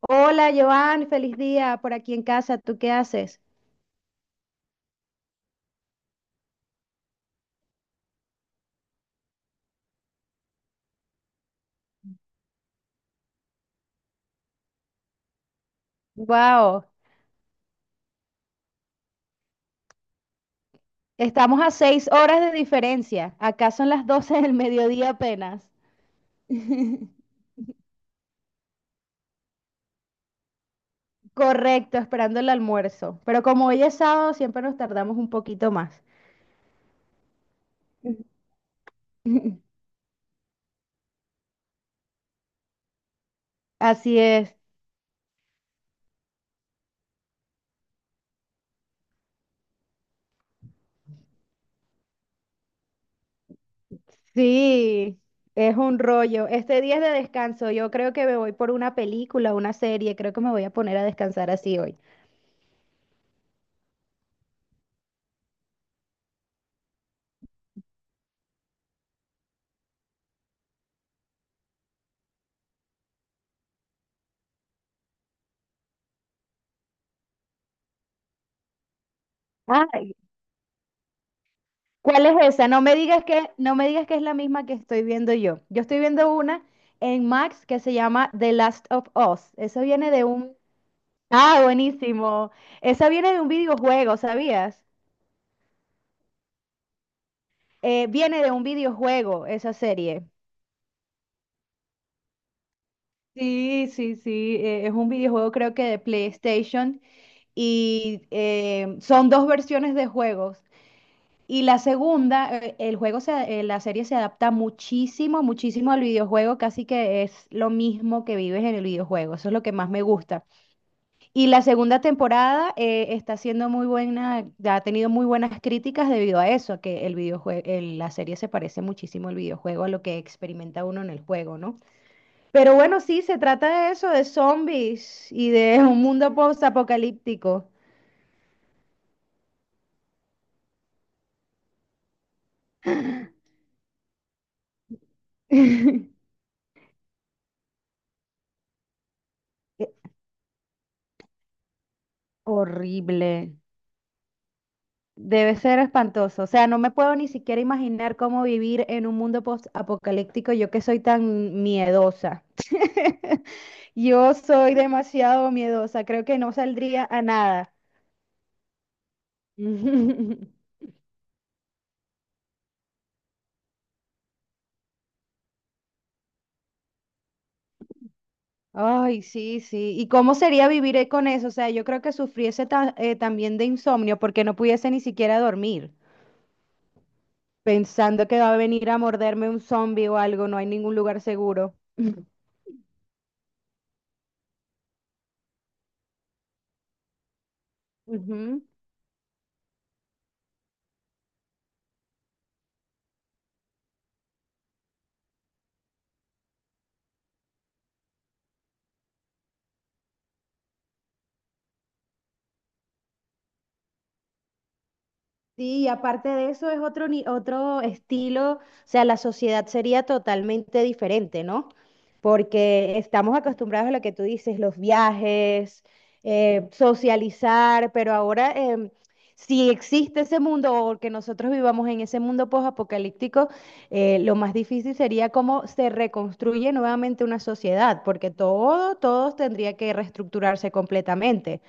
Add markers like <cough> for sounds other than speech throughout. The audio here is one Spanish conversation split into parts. Hola, Joan, feliz día por aquí en casa. ¿Tú qué haces? Wow, estamos a 6 horas de diferencia. Acá son las 12 del mediodía apenas. <laughs> Correcto, esperando el almuerzo. Pero como hoy es sábado, siempre nos tardamos un poquito más. <laughs> Así es. Sí, es un rollo. Este día es de descanso. Yo creo que me voy por una película, una serie. Creo que me voy a poner a descansar así hoy. Ah. ¿Cuál es esa? No me digas que es la misma que estoy viendo yo. Yo estoy viendo una en Max que se llama The Last of Us. Eso viene de un... Ah, buenísimo. Esa viene de un videojuego, ¿sabías? Viene de un videojuego, esa serie. Sí, sí, sí. Es un videojuego creo que de PlayStation y son dos versiones de juegos. Y la segunda, el juego se, La serie se adapta muchísimo, muchísimo al videojuego, casi que es lo mismo que vives en el videojuego, eso es lo que más me gusta. Y la segunda temporada está siendo muy buena, ha tenido muy buenas críticas debido a eso, a que el videojuego, la serie se parece muchísimo al videojuego, a lo que experimenta uno en el juego, ¿no? Pero bueno, sí, se trata de eso, de zombies y de un mundo post-apocalíptico. <laughs> Horrible. Debe ser espantoso. O sea, no me puedo ni siquiera imaginar cómo vivir en un mundo post-apocalíptico, yo que soy tan miedosa. <laughs> Yo soy demasiado miedosa, creo que no saldría a nada. <laughs> Ay, sí, sí. ¿Y cómo sería vivir con eso? O sea, yo creo que sufriese también de insomnio porque no pudiese ni siquiera dormir, pensando que va a venir a morderme un zombie o algo, no hay ningún lugar seguro. <laughs> Ujú. Sí, y aparte de eso es otro, ni- otro estilo, o sea, la sociedad sería totalmente diferente, ¿no? Porque estamos acostumbrados a lo que tú dices, los viajes, socializar, pero ahora si existe ese mundo o que nosotros vivamos en ese mundo posapocalíptico, lo más difícil sería cómo se reconstruye nuevamente una sociedad, porque todos tendría que reestructurarse completamente.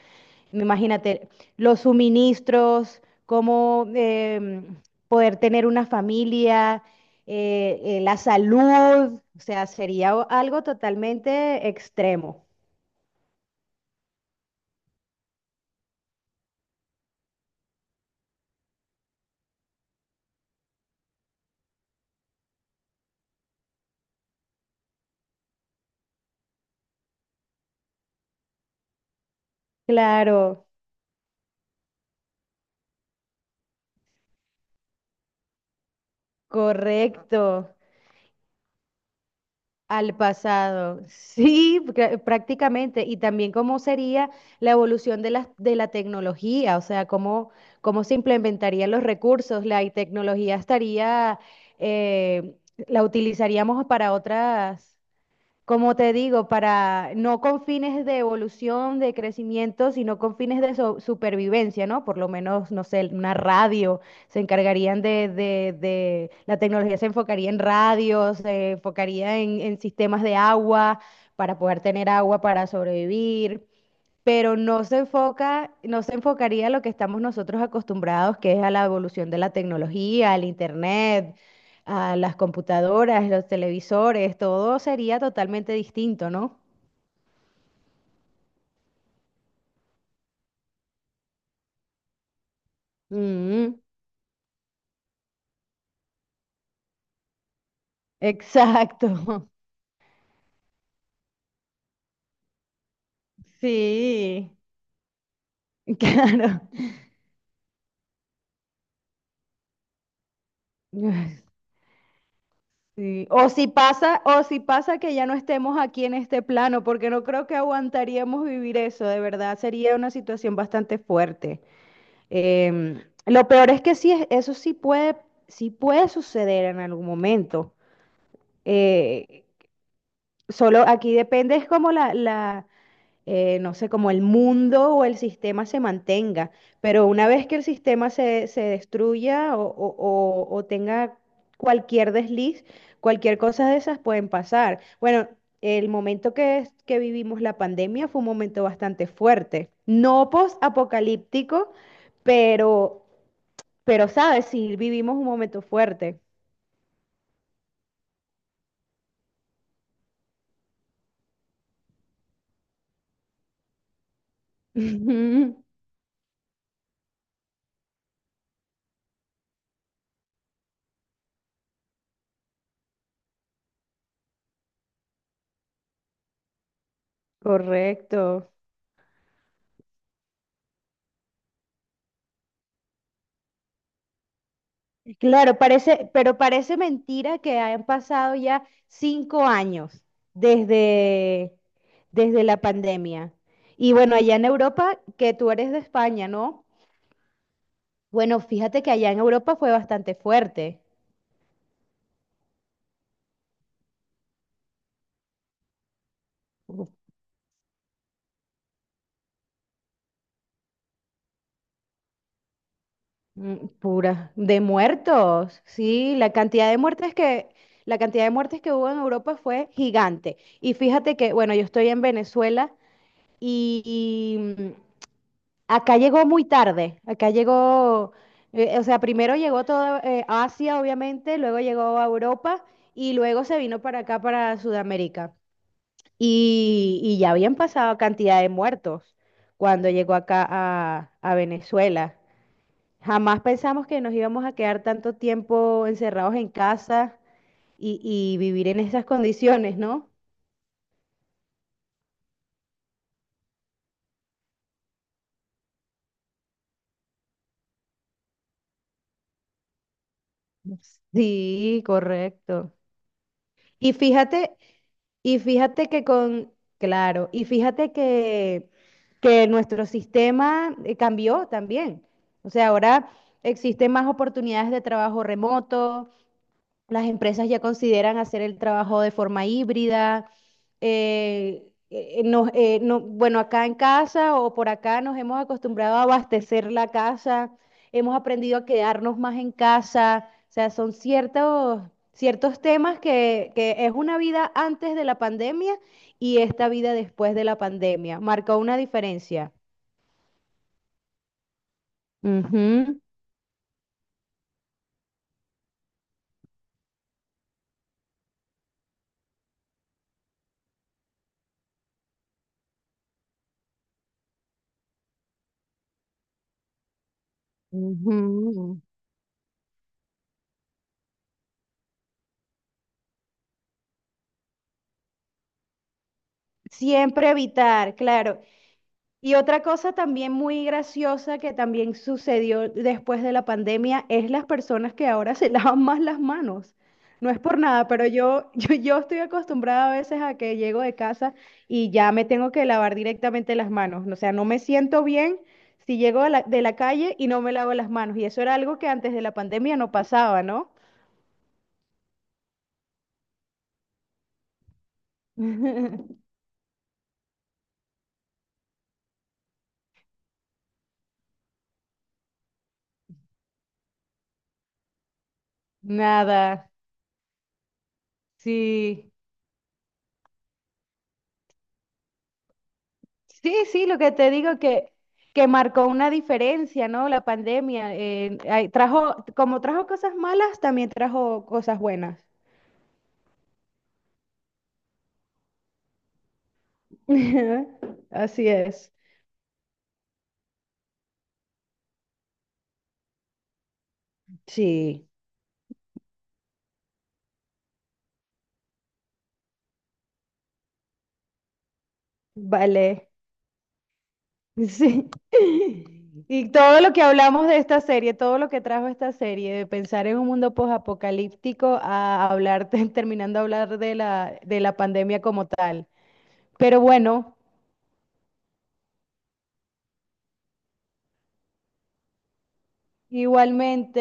Imagínate, los suministros, cómo poder tener una familia, la salud, o sea, sería algo totalmente extremo. Claro, correcto, al pasado. Sí, prácticamente. Y también cómo sería la evolución de la tecnología, o sea, cómo se implementarían los recursos, la tecnología estaría... eh, la utilizaríamos para otras, como te digo, para no con fines de evolución, de crecimiento, sino con fines de supervivencia, ¿no? Por lo menos, no sé, una radio, se encargarían de la tecnología se enfocaría en radios, se enfocaría en sistemas de agua, para poder tener agua para sobrevivir, pero no se enfocaría a lo que estamos nosotros acostumbrados, que es a la evolución de la tecnología, al internet, a las computadoras, los televisores, todo sería totalmente distinto, ¿no? Mm, exacto. <laughs> Sí. <laughs> Claro. Ay. Sí. O si pasa que ya no estemos aquí en este plano, porque no creo que aguantaríamos vivir eso, de verdad, sería una situación bastante fuerte. Lo peor es que sí, eso sí puede suceder en algún momento. Eh, solo aquí depende, es como la, no sé, como el mundo o el sistema se mantenga. Pero una vez que el sistema se destruya o o tenga cualquier desliz, cualquier cosa de esas pueden pasar. Bueno, el momento que vivimos la pandemia fue un momento bastante fuerte. No post-apocalíptico, pero ¿sabes? Sí, vivimos un momento fuerte. <laughs> Ujú. Correcto. Claro, parece, pero parece mentira que hayan pasado ya 5 años desde, desde la pandemia. Y bueno, allá en Europa, que tú eres de España, ¿no? Bueno, fíjate que allá en Europa fue bastante fuerte. Uf, mm, Pura, de muertos. Sí, la cantidad de muertes que hubo en Europa fue gigante. Y fíjate que, bueno, yo estoy en Venezuela y, y, mm, acá llegó muy tarde, o sea, primero llegó toda Asia, obviamente, luego llegó a Europa y luego se vino para acá, para Sudamérica. Y ya habían pasado cantidad de muertos cuando llegó acá a Venezuela. Jamás pensamos que nos íbamos a quedar tanto tiempo encerrados en casa y vivir en esas condiciones, ¿no? Sí, correcto. Y fíjate Y fíjate que con, claro, y fíjate que nuestro sistema cambió también. O sea, ahora existen más oportunidades de trabajo remoto, las empresas ya consideran hacer el trabajo de forma híbrida. Bueno, acá en casa o por acá nos hemos acostumbrado a abastecer la casa, hemos aprendido a quedarnos más en casa. O sea, son ciertos temas que es una vida antes de la pandemia y esta vida después de la pandemia. Marca una diferencia. Ujú. Ujú. Siempre evitar, claro. Y otra cosa también muy graciosa que también sucedió después de la pandemia es las personas que ahora se <laughs> lavan más las manos. No es por nada, pero yo estoy acostumbrada a veces a que llego de casa y ya me tengo que lavar directamente las manos. O sea, no me siento bien si llego de la calle y no me lavo las manos. Y eso era algo que antes de la pandemia no pasaba, ¿no? <laughs> Nada, sí. Sí, sí, lo que te digo que marcó una diferencia, ¿no? La pandemia ay, trajo, como trajo cosas malas, también trajo cosas buenas. <laughs> Así es. Sí, vale. Sí. <laughs> Y todo lo que hablamos de esta serie, todo lo que trajo esta serie, de pensar en un mundo posapocalíptico a hablar, <laughs> terminando de hablar de la pandemia como tal. Pero bueno, igualmente,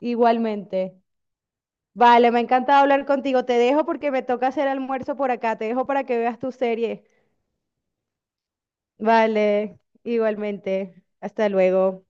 igualmente. Vale, me ha encantado hablar contigo. Te dejo porque me toca hacer almuerzo por acá. Te dejo para que veas tu serie. Vale, igualmente. Hasta luego.